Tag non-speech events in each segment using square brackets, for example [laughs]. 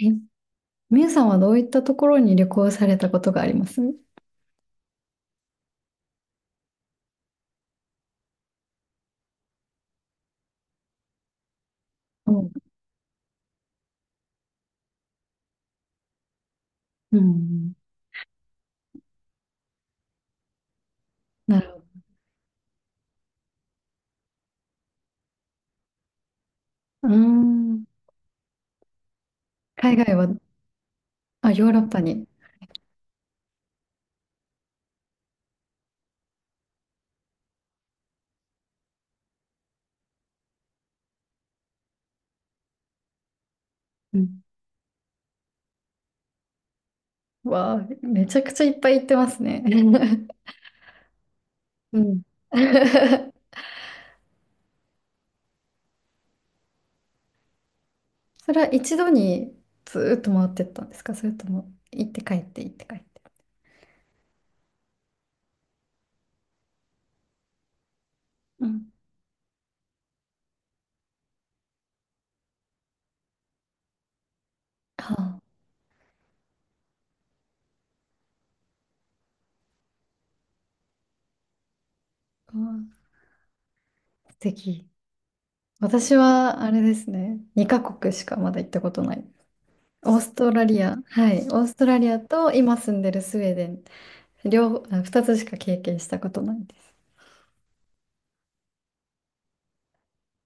え、みゆさんはどういったところに旅行されたことがあります？うん、うん。なるほど。うーん。海外は、あ、ヨーロッパに。うん。わあ、めちゃくちゃいっぱい行ってますね。[laughs] うん [laughs] それは一度にずーっと回ってったんですか？それとも行って帰って行って帰って？うん。はあ、わあ素敵。私はあれですね。2カ国しかまだ行ったことない。オーストラリア、はい。オーストラリアと今住んでるスウェーデン両方、あ二つしか経験したことないです。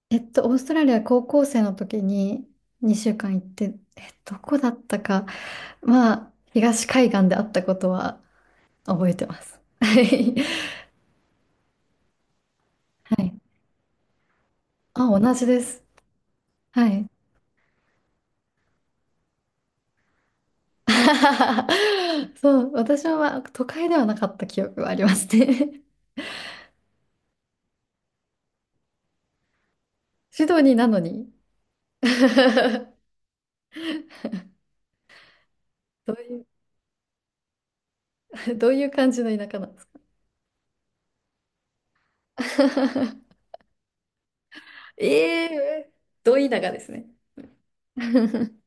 えっと、オーストラリア高校生の時に2週間行って、え、どこだったか、まあ、東海岸であったことは覚えてます。はい。はい。あ、同じです。はい。[laughs] そう、私はまあ都会ではなかった記憶はありますね。[laughs] シドニーなのに。[laughs] どういう、どういう感じの田舎なんですか？ [laughs] え、えー、ど田舎ですね。[laughs]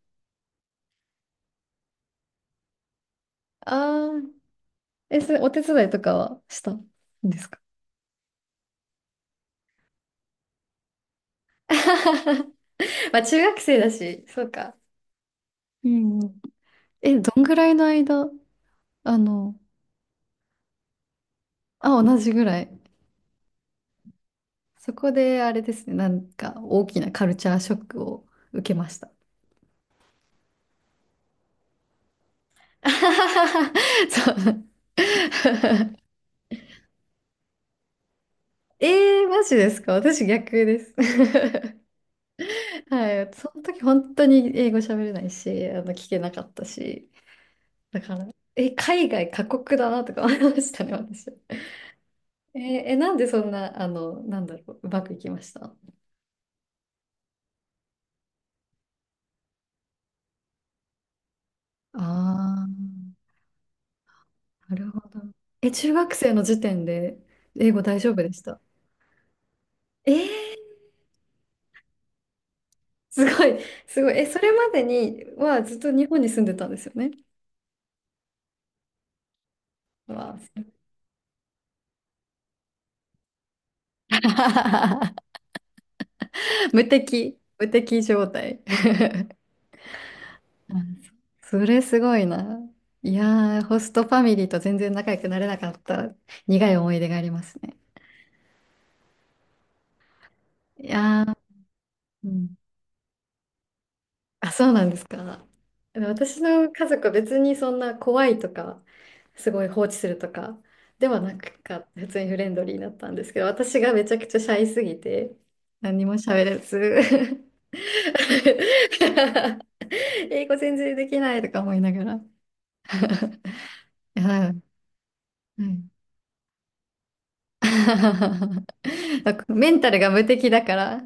ああ。え、それお手伝いとかはしたんですか？ [laughs] まあ中学生だし、そうか。うんうん。え、どんぐらいの間、あの、あ、同じぐらい。そこであれですね、なんか大きなカルチャーショックを受けました。[laughs] そう。[laughs] えー、マジですか？私逆です。[laughs] はい。その時本当に英語喋れないし、聞けなかったし。だから、え、海外過酷だなとか思いましたね、私。えー、え、なんでそんな、なんだろう、うまくいきました？ああ、ー、なるほど。え、中学生の時点で英語大丈夫でした？えー、すごい、すごい。え、それまでにはずっと日本に住んでたんですよね。わあ、[laughs] 無敵、無敵状態。[laughs] あ、そ、それすごいな。いやー、ホストファミリーと全然仲良くなれなかった苦い思い出がありますね。いやー、うん。あ、そうなんですか。あの私の家族は別にそんな怖いとか、すごい放置するとかではなくか、普通にフレンドリーだったんですけど、私がめちゃくちゃシャイすぎて、何にも喋れず、[laughs] 英語全然できないとか思いながら。[laughs] はい。うん [laughs] なんかメンタルが無敵だから。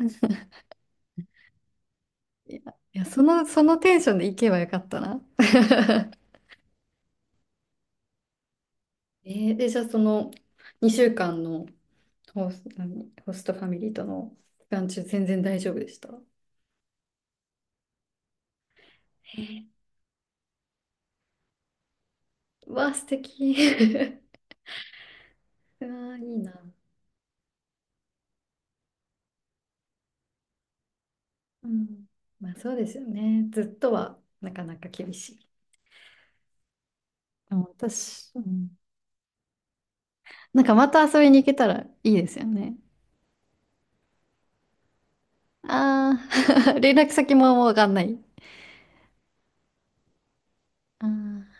いや、いやその、そのテンションで行けばよかったな。[laughs] えーで、じゃあその2週間のホストファミリーとの期間中、全然大丈夫でした？へえ。うわ、素敵。[laughs] うわ、いいな。うん。まあ、そうですよね。ずっとはなかなか厳しい。でも私、うん、なんかまた遊びに行けたらいいですよね。ああ、[laughs] 連絡先ももうわかんない。あ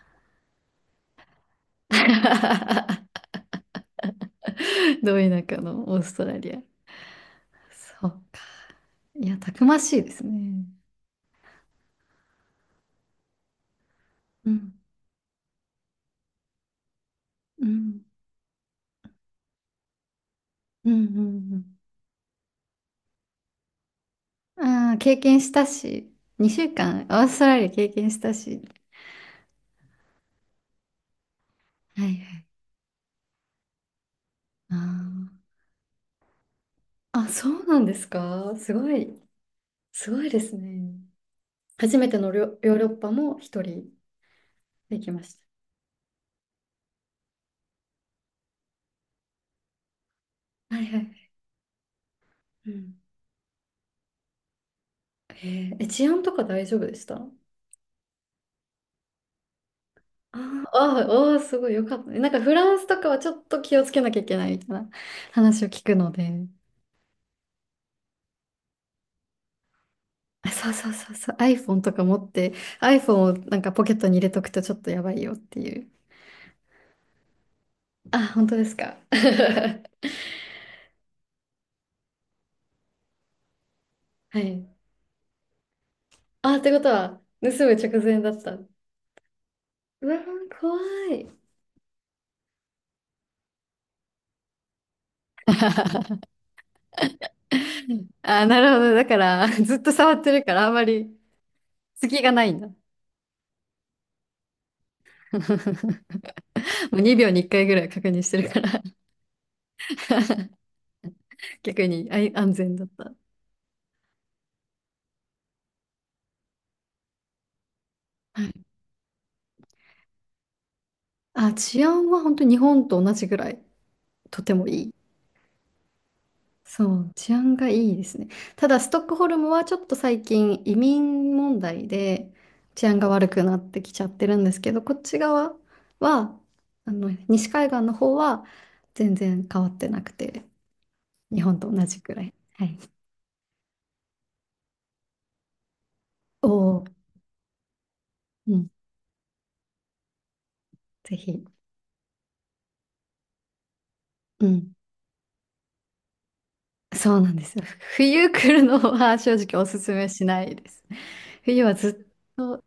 あ。[laughs] どい中のオーストラリア。そうか。いや、たくましいですね。うん、うん、うん、うん、うん。ああ、経験したし、2週間、オーストラリア経験したし。はいはい。ああ、あ、そうなんですか。すごい、すごいですね。初めてのヨーロッパも一人できました。はいはい。うん。へええ、治安とか大丈夫でした？あーあー、ああ、すごいよかったね。なんかフランスとかはちょっと気をつけなきゃいけないみたいな話を聞くので。あ、そうそうそうそう。iPhone とか持って、iPhone をなんかポケットに入れとくとちょっとやばいよっていう。あ、本当ですか？[laughs] はい。あ、ってことは、盗む直前だった。うわー、怖い。[laughs] あ、なるほど。だから、[laughs] ずっと触ってるから、あんまり隙がないんだ。[laughs] もう2秒に1回ぐらい確認してるから、[laughs] 逆にあい安全だった。はい。あ、治安は本当に日本と同じぐらい、とてもいい。そう、治安がいいですね。ただ、ストックホルムはちょっと最近移民問題で治安が悪くなってきちゃってるんですけど、こっち側は、西海岸の方は全然変わってなくて、日本と同じくらい。はい。おお、うん、ぜひ。うん。そうなんですよ。冬来るのは [laughs] 正直おすすめしないです。冬はずっと、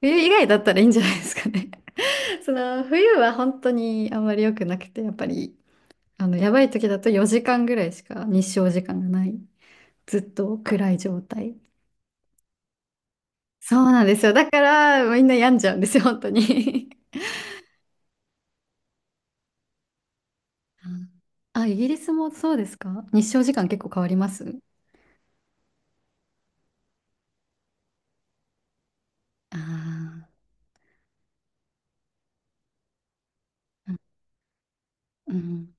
冬以外だったらいいんじゃないですかね。[laughs] その冬は本当にあんまり良くなくて、やっぱりやばい時だと4時間ぐらいしか日照時間がない。ずっと暗い状態。そうなんですよ。だからみんな病んじゃうんですよ、本当に。[laughs] あ、あイギリスもそうですか？日照時間結構変わります？ああー、うん。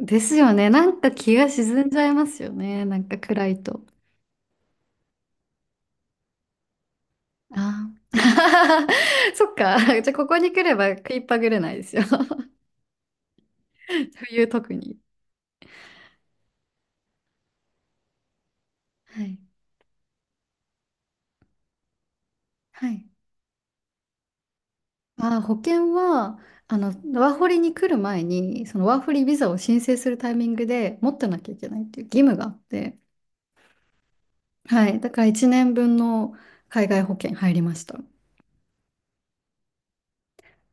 ですよね。なんか気が沈んじゃいますよね。なんか暗いと。ああ。[laughs] そっか。じゃあここに来れば食いっぱぐれないですよ。[laughs] 冬特に。はい。はい。あー、保険は、あの、ワーホリに来る前に、そのワーホリビザを申請するタイミングで持ってなきゃいけないっていう義務があって、はい、だから1年分の海外保険入りました。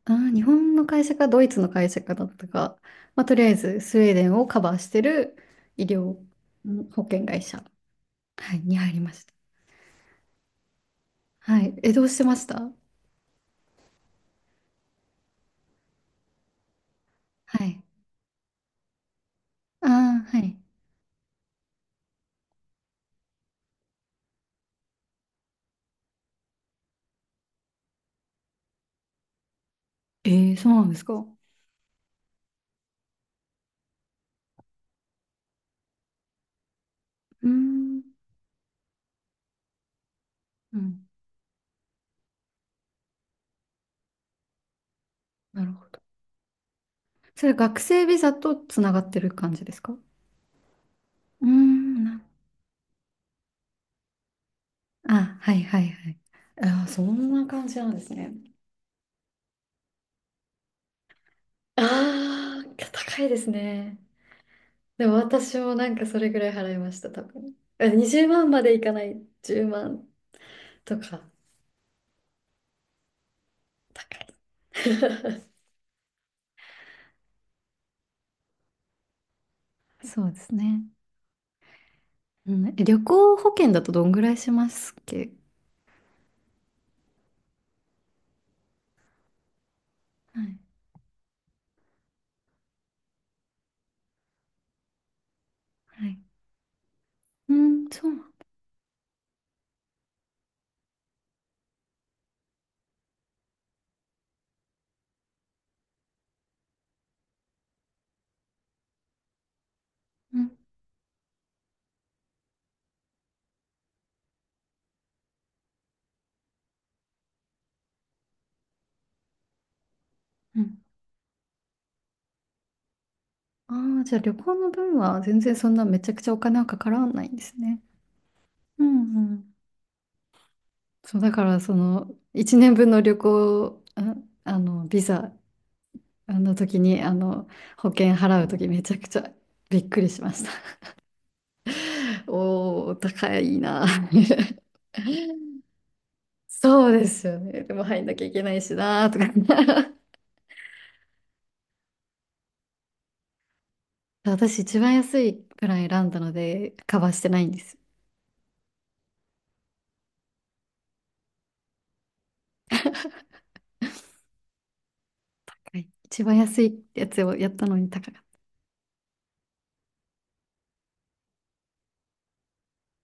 あー、日本の会社かドイツの会社かだったか、まあ、とりあえずスウェーデンをカバーしてる医療、うん、保険会社、はい、に入りました。はい、え、どうしてました？はい。ああ、はい。えー、そうなんですか。うーん、うん、なるほど。それ学生ビザとつながってる感じですか？うーん、な、あ、はいはいはい。あー、そんな感じなんですね。ああ、高いですね。でも私もなんかそれぐらい払いました、多分。え20万まんまでいかない、10万とか。高い。[laughs] そうですね。うん、え旅行保険だとどんぐらいしますっけ？はい。はい。うん、そう。うん、うん。ああ、じゃあ旅行の分は全然そんなめちゃくちゃお金はかからないんですね。うんうん。そう、だからその1年分の旅行、あ、あのビザあの時にあの保険払う時めちゃくちゃびっくりしました。[laughs] おお、高いな。[laughs] そうですよね。でも入んなきゃいけないしなとか。[laughs] 私一番安いプラン選んだのでカバーしてないんです。はい一番安いやつをやったのに高い。